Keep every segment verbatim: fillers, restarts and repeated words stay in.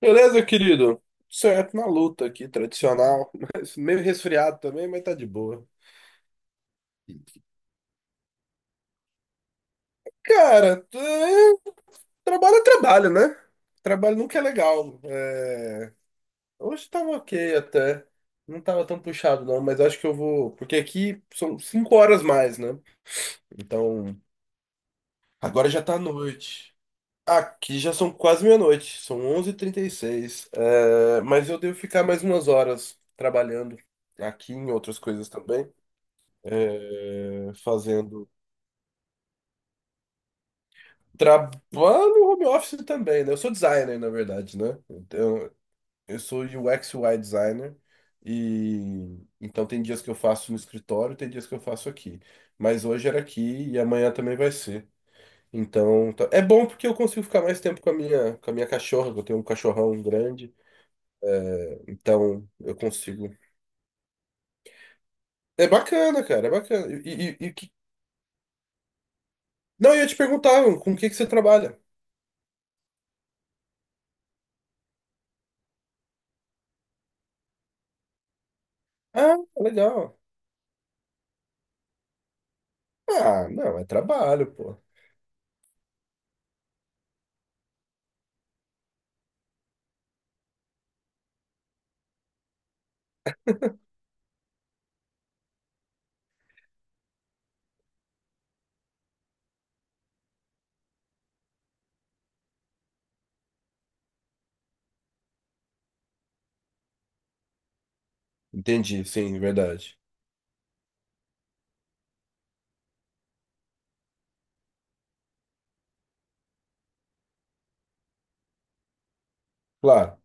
Beleza, querido? Certo, na luta aqui, tradicional, mas meio resfriado também, mas tá de boa. Cara, é, Trabalho é trabalho, né? Trabalho nunca é legal. É, Hoje tava ok até. Não tava tão puxado, não, mas acho que eu vou, porque aqui são cinco horas mais, né? Então, agora já tá noite. Aqui já são quase meia-noite, são onze e trinta e seis. É, Mas eu devo ficar mais umas horas trabalhando aqui em outras coisas também, é, fazendo trabalho no home office também, né? Eu sou designer, na verdade, né? Então, eu sou U X U I designer, e então tem dias que eu faço no escritório, tem dias que eu faço aqui. Mas hoje era aqui e amanhã também vai ser. Então, tá- é bom porque eu consigo ficar mais tempo com a minha, com a minha cachorra, que eu tenho um cachorrão grande, é, então eu consigo. É bacana, cara, é bacana. E, e- e que- Não, eu ia te perguntar, com o que que você trabalha? Ah, legal. Ah, não, é trabalho, pô. Entendi, sim, verdade. Claro.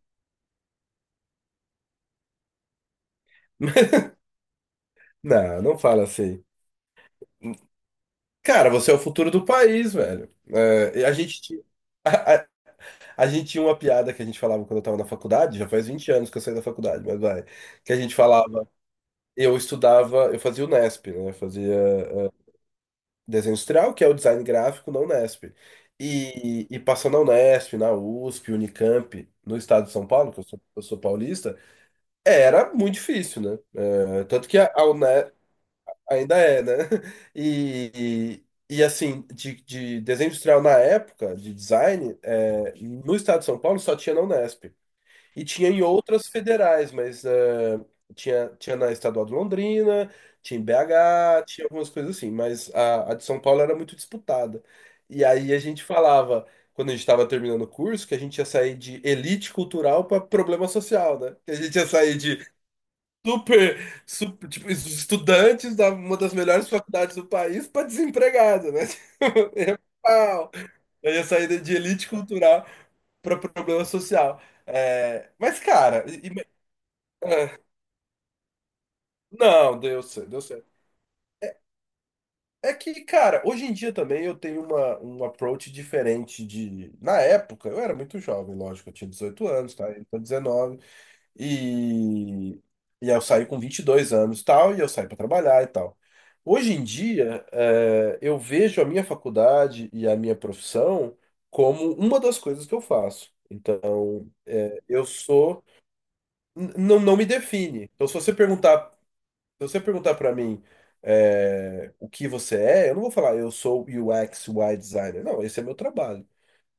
Não, não fala assim. Cara, você é o futuro do país, velho. É, e a gente, ti- a, a gente tinha uma piada que a gente falava quando eu tava na faculdade. Já faz vinte anos que eu saí da faculdade, mas vai. Que a gente falava, eu estudava, eu fazia o Nesp, né? Eu fazia ah, desenho industrial, que é o design gráfico na Unesp. E, e passando na Unesp, na U S P, Unicamp, no estado de São Paulo, que eu sou, eu sou paulista. Era muito difícil, né? É, tanto que a, a U N E ainda é, né? E, e, e, assim, de, de desenho industrial na época, de design, é, no estado de São Paulo só tinha na Unesp. E tinha em outras federais, mas é, tinha, tinha na Estadual de Londrina, tinha em B H, tinha algumas coisas assim, mas a, a de São Paulo era muito disputada. E aí a gente falava, quando a gente estava terminando o curso, que a gente ia sair de elite cultural para problema social, né? Que a gente ia sair de Super, super, tipo, estudantes da uma das melhores faculdades do país para desempregado, né? É pau. Aí a saída de elite cultural para problema social. É, mas, cara, e- e- não, deu certo, deu certo. É que, cara, hoje em dia também eu tenho uma, um approach diferente de. Na época, eu era muito jovem, lógico, eu tinha dezoito anos, tá? Eu tô dezenove, E, e aí eu saí com vinte e dois anos e tal, e eu saí para trabalhar e tal. Hoje em dia, eh, eu vejo a minha faculdade e a minha profissão como uma das coisas que eu faço. Então, eu sou. n- Não, não me define. Então, se você perguntar, se você perguntar para mim, eh, o que você é, eu não vou falar eu sou U X, U I designer. Não, esse é meu trabalho.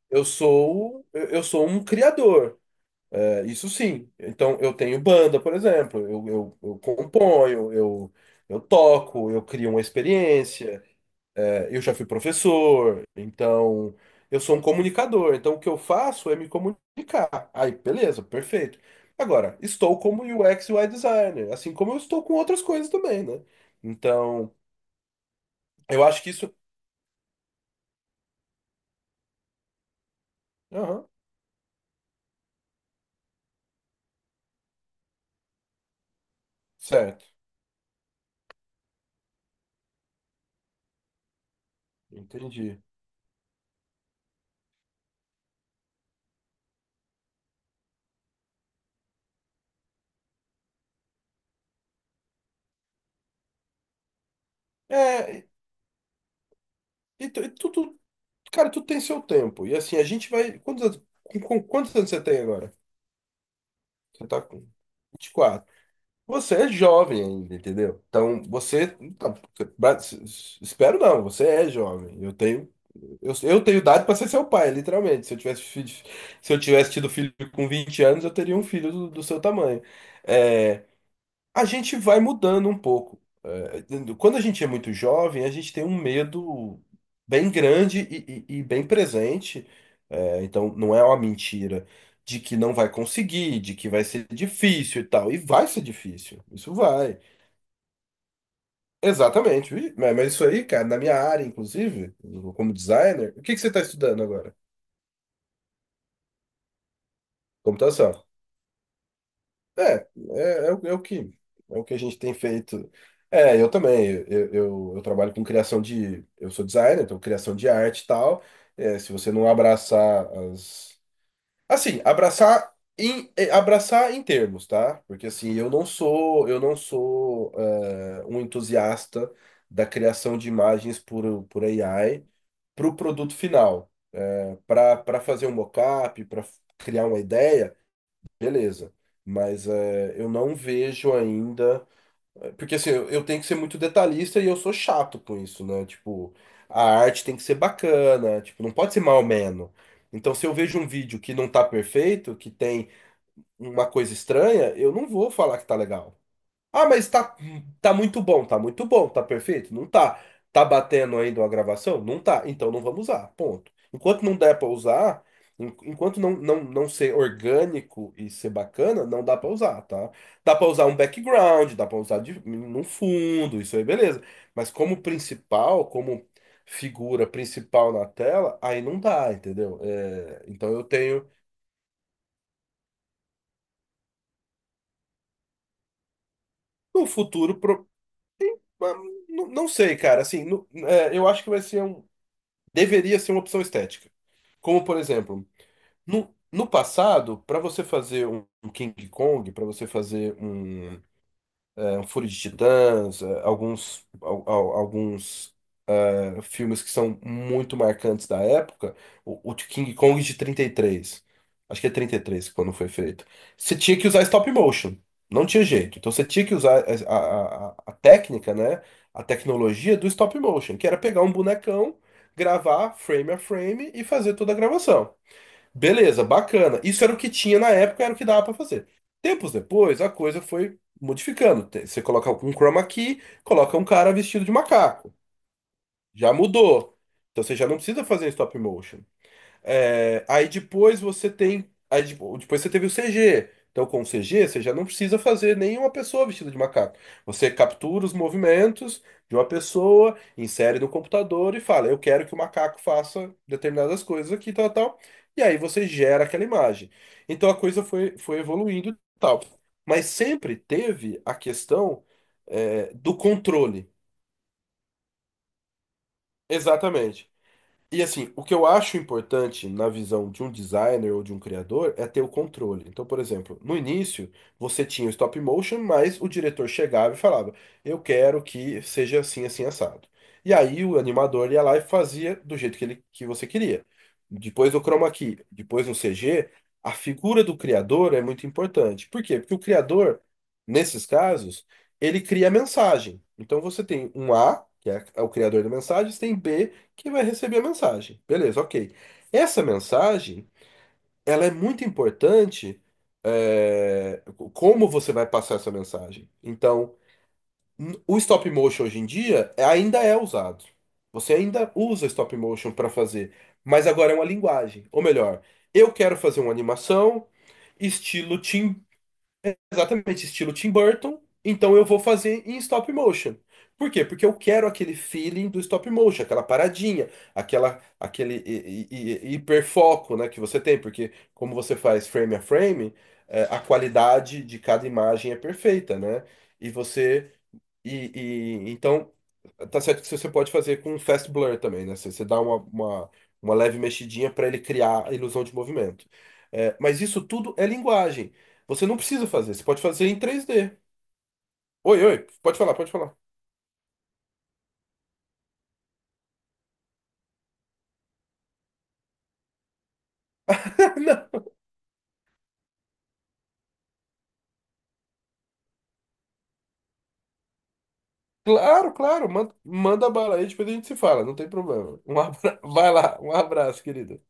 Eu sou, eu eu sou um criador. É, isso sim. Então, eu tenho banda, por exemplo. Eu, eu, eu componho, eu, eu toco, eu crio uma experiência. É, eu já fui professor, então eu sou um comunicador. Então, o que eu faço é me comunicar. Aí, beleza, perfeito. Agora, estou como U X e U I designer, assim como eu estou com outras coisas também, né? Então, eu acho que isso. Aham, certo, entendi. É, e, e tu- e tudo Cara, tu tem seu tempo. E assim, a gente vai. Quantos anos, com, com quantos anos você tem agora? Você tá com vinte e quatro. Você é jovem ainda, entendeu? Então, você. tá, ba- s- s- Espero não, você é jovem. Eu tenho. Eu, eu tenho idade para ser seu pai, literalmente. Se eu tivesse, filho- se eu tivesse tido filho com vinte anos, eu teria um filho do, do seu tamanho. É, a gente vai mudando um pouco. É, quando a gente é muito jovem, a gente tem um medo bem grande e, e- e bem presente. É, então, não é uma mentira de que não vai conseguir, de que vai ser difícil e tal. E vai ser difícil. Isso vai. Exatamente. Ih, Mas mas isso aí, cara, na minha área, inclusive, como designer, o que que você está estudando agora? Computação. É, é, é, o é o que é o que a gente tem feito. É, eu também. Eu, eu, eu trabalho com criação de. Eu sou designer, então criação de arte e tal. É, se você não abraçar as. Assim, abraçar em, eh, abraçar em termos, tá? Porque assim, eu não sou, eu não sou eh, um entusiasta da criação de imagens por, por A I para o produto final. Para para fazer um mockup, para criar uma ideia. Beleza. Mas é, eu não vejo ainda. eh, Porque assim, eu, eu tenho que ser muito detalhista e eu sou chato com isso, né? Tipo, a arte tem que ser bacana, tipo, não pode ser menos. Então, se eu vejo um vídeo que não tá perfeito, que tem uma coisa estranha, eu não vou falar que tá legal. Ah, mas tá, tá muito bom, tá muito bom, tá perfeito? Não tá. Tá batendo ainda uma gravação? Não tá. Então não vamos usar, ponto. Enquanto não der pra usar, en- enquanto não, não, não ser orgânico e ser bacana, não dá pra usar, tá? Dá pra usar um background, dá pra usar de, num fundo, isso aí beleza. Mas como principal, como figura principal na tela, aí não dá, entendeu? É, então eu tenho no futuro pro- ah, não não sei, cara. Assim, no- é, eu acho que vai ser um, deveria ser uma opção estética. Como, por exemplo, no, no passado, para você fazer um um King Kong, para você fazer um, é, um Fúria de Titãs, é, alguns, al- al- alguns filmes que são muito marcantes da época, o, o de King Kong de trinta e três. Acho que é trinta e três quando foi feito. Você tinha que usar stop motion. Não tinha jeito. Então você tinha que usar a, a, a a técnica, né? A tecnologia do stop motion, que era pegar um bonecão, gravar frame a frame e fazer toda a gravação. Beleza, bacana. Isso era o que tinha na época, era o que dava pra fazer. Tempos depois, a coisa foi modificando. Te- Você coloca um chroma key, coloca um cara vestido de macaco. Já mudou. Então você já não precisa fazer em stop motion. É, aí depois você tem. Aí de- depois você teve o C G. Então com o C G você já não precisa fazer nenhuma pessoa vestida de macaco. Você captura os movimentos de uma pessoa, insere no computador e fala: Eu quero que o macaco faça determinadas coisas aqui, tal, tal. E aí você gera aquela imagem. Então a coisa foi, foi evoluindo e tal. Mas sempre teve a questão, é, do controle. Exatamente. E assim, o que eu acho importante na visão de um designer ou de um criador é ter o controle. Então, por exemplo, no início você tinha o stop motion, mas o diretor chegava e falava: Eu quero que seja assim, assim, assado. E aí o animador ia lá e fazia do jeito que ele, que você queria. Depois do chroma key, depois no C G, a figura do criador é muito importante. Por quê? Porque o criador, nesses casos, ele cria a mensagem. Então você tem um A, que é o criador da mensagem, você tem B que vai receber a mensagem. Beleza, ok. Essa mensagem, ela é muito importante, é, como você vai passar essa mensagem. Então, n- o stop motion hoje em dia é- ainda é usado. Você ainda usa stop motion para fazer, mas agora é uma linguagem. Ou melhor, eu quero fazer uma animação estilo Tim. Exatamente, estilo Tim Burton. Então eu vou fazer em stop motion. Por quê? Porque eu quero aquele feeling do stop motion, aquela paradinha, aquela, aquele hi- hi- hi- hiperfoco, né, que você tem, porque como você faz frame a frame, eh, a qualidade de cada imagem é perfeita, né? E você e, e- então, tá certo que você pode fazer com fast blur também, né? Você, você dá uma, uma, uma leve mexidinha para ele criar a ilusão de movimento. É, mas isso tudo é linguagem. Você não precisa fazer, você pode fazer em três D. Oi, oi, pode falar, pode falar. Não, claro, claro, manda, manda bala aí, depois a gente se fala, não tem problema. Um abra... Vai lá, um abraço, querido.